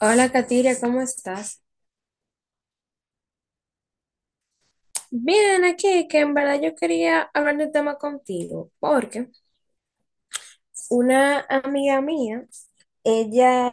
Hola, Katiria, ¿cómo estás? Bien, aquí, que en verdad yo quería hablar de un tema contigo, porque una amiga mía, ella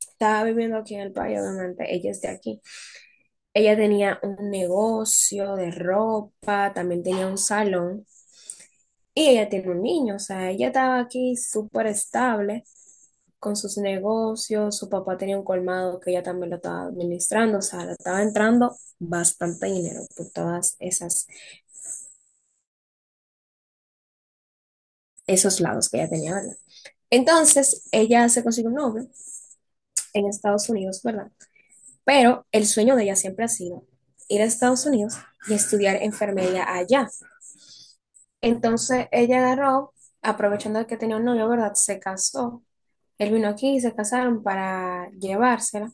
estaba viviendo aquí en el país, obviamente, ella es de aquí. Ella tenía un negocio de ropa, también tenía un salón, y ella tiene un niño, o sea, ella estaba aquí súper estable con sus negocios, su papá tenía un colmado que ella también lo estaba administrando, o sea, le estaba entrando bastante dinero por todas esas esos lados que ella tenía, ¿verdad? Entonces, ella se consiguió un novio en Estados Unidos, ¿verdad? Pero el sueño de ella siempre ha sido ir a Estados Unidos y estudiar enfermería allá. Entonces, ella agarró, aprovechando que tenía un novio, ¿verdad? Se casó. Él vino aquí y se casaron para llevársela.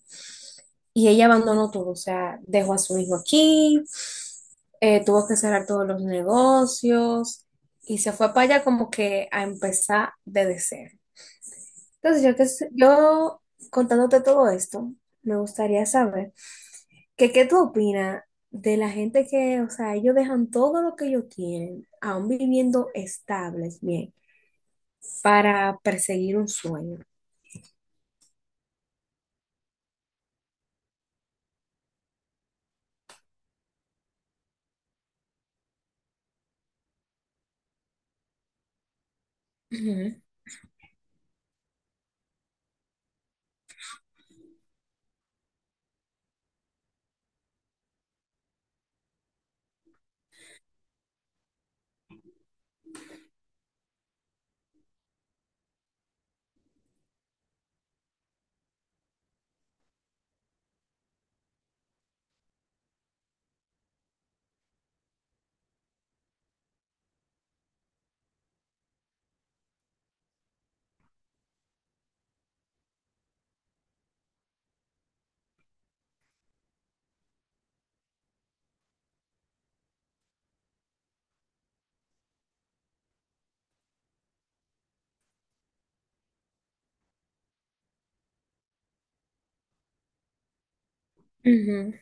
Y ella abandonó todo, o sea, dejó a su hijo aquí, tuvo que cerrar todos los negocios y se fue para allá como que a empezar desde cero. Entonces, yo contándote todo esto, me gustaría saber que qué tú opinas de la gente que, o sea, ellos dejan todo lo que ellos tienen, aún viviendo estables, bien, para perseguir un sueño. Ujú, ujú.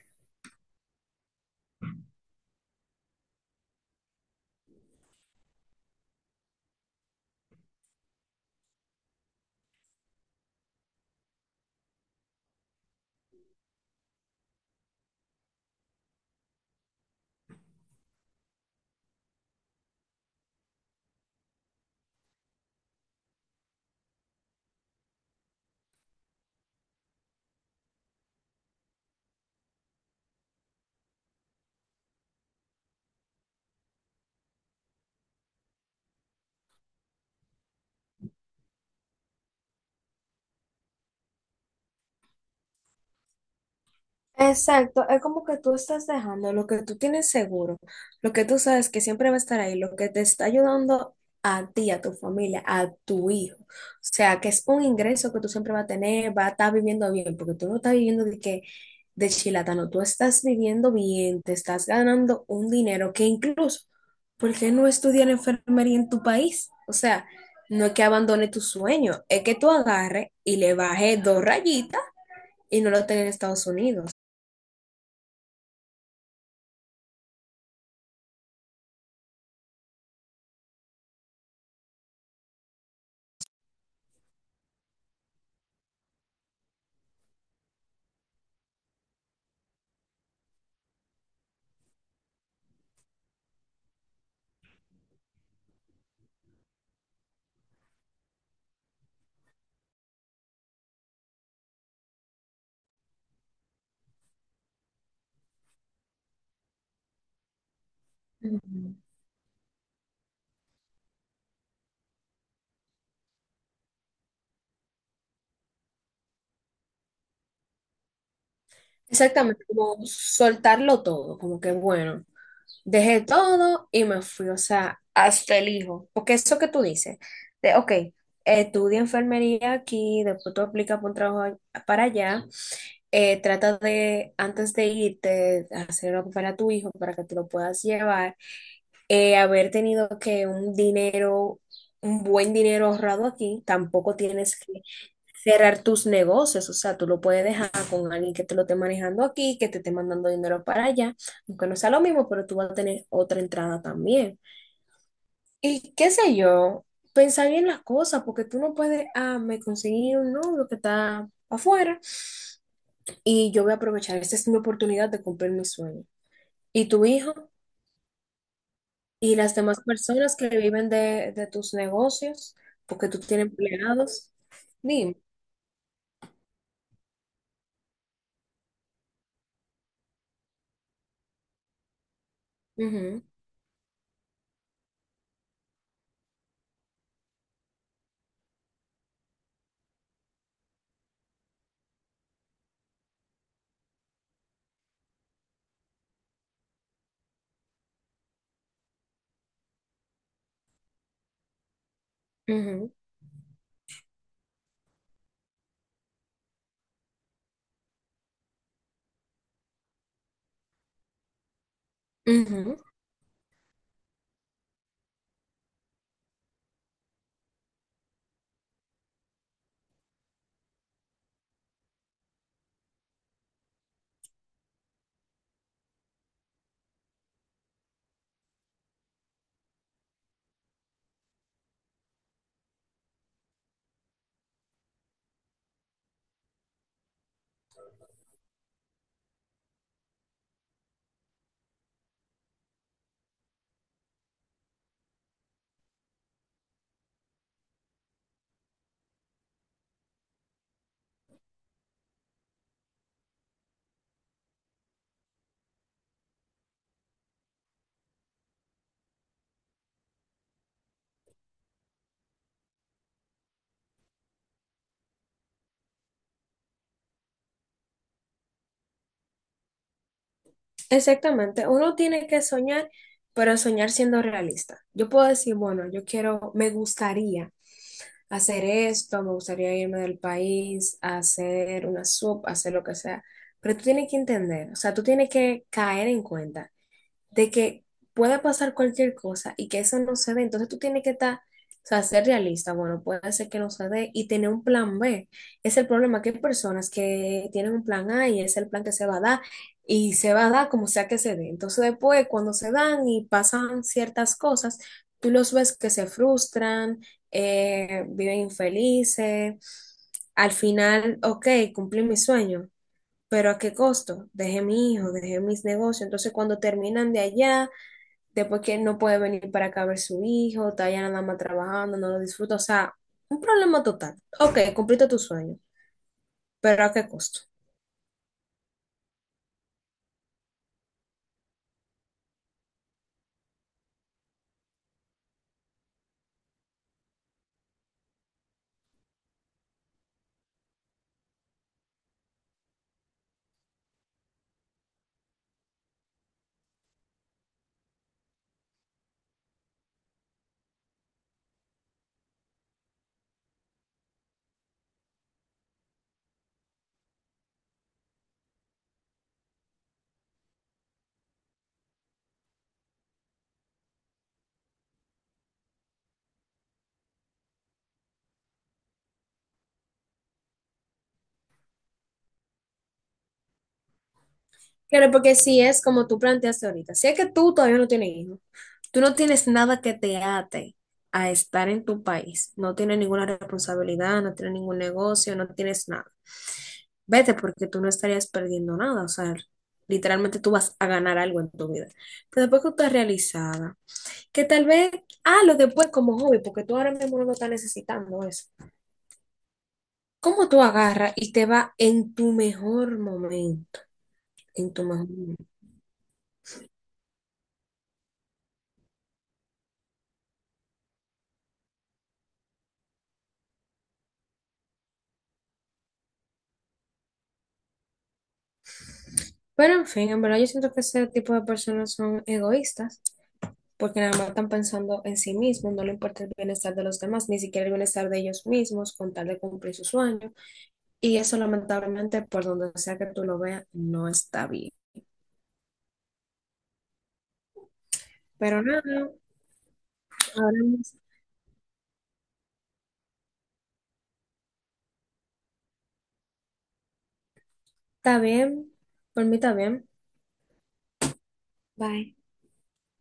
Exacto, es como que tú estás dejando lo que tú tienes seguro, lo que tú sabes que siempre va a estar ahí, lo que te está ayudando a ti, a tu familia, a tu hijo. O sea, que es un ingreso que tú siempre vas a tener, va a estar viviendo bien, porque tú no estás viviendo de que de chilatano, tú estás viviendo bien, te estás ganando un dinero que incluso, ¿por qué no estudiar enfermería en tu país? O sea, no es que abandone tu sueño, es que tú agarres y le bajes dos rayitas y no lo tengas en Estados Unidos. Ujú. Exactamente, como soltarlo todo, como que bueno, dejé todo y me fui, o sea, hasta el hijo, porque eso que tú dices, de, ok, estudia enfermería aquí, después tú aplicas por un trabajo para allá, trata de, antes de irte, hacer algo para tu hijo, para que te lo puedas llevar, haber tenido que un dinero, un buen dinero ahorrado aquí, tampoco tienes que cerrar tus negocios, o sea, tú lo puedes dejar con alguien que te lo esté manejando aquí, que te esté mandando dinero para allá, aunque no sea lo mismo, pero tú vas a tener otra entrada también. Y qué sé yo, pensar bien las cosas, porque tú no puedes, ah, me conseguí un novio que está afuera y yo voy a aprovechar, esta es mi oportunidad de cumplir mi sueño. Y tu hijo y las demás personas que viven de tus negocios, porque tú tienes empleados, dime. Ujú, ujú, ujú. Exactamente, uno tiene que soñar, pero soñar siendo realista. Yo puedo decir, bueno, yo quiero, me gustaría hacer esto, me gustaría irme del país, hacer una sub, hacer lo que sea, pero tú tienes que entender, o sea, tú tienes que caer en cuenta de que puede pasar cualquier cosa y que eso no se dé. Entonces tú tienes que estar, o sea, ser realista. Bueno, puede ser que no se dé y tener un plan B. Es el problema que hay personas que tienen un plan A y es el plan que se va a dar y se va a dar como sea que se dé. Entonces después, cuando se dan y pasan ciertas cosas, tú los ves que se frustran, viven infelices. Al final, ok, cumplí mi sueño, pero ¿a qué costo? Dejé mi hijo, dejé mis negocios. Entonces, cuando terminan de allá, después que él no puede venir para acá a ver su hijo, está allá nada más trabajando, no lo disfruta. O sea, un problema total. Ok, cumpliste tu sueño, pero ¿a qué costo? Claro, porque si es como tú planteaste ahorita, si es que tú todavía no tienes hijo, tú no tienes nada que te ate a estar en tu país. No tienes ninguna responsabilidad, no tienes ningún negocio, no tienes nada. Vete porque tú no estarías perdiendo nada. O sea, literalmente tú vas a ganar algo en tu vida. Pero después que tú estás realizada, que tal vez, ah, lo después como hobby, porque tú ahora mismo no lo estás necesitando eso. ¿Cómo tú agarras y te va en tu mejor momento? En tu mejor momento. Pero en fin, en verdad yo siento que ese tipo de personas son egoístas. Porque nada más están pensando en sí mismos, no le importa el bienestar de los demás, ni siquiera el bienestar de ellos mismos con tal de cumplir sus sueños. Y eso lamentablemente, por donde sea que tú lo veas, no está bien. Pero nada, ahora está bien, por mí está bien. Bye.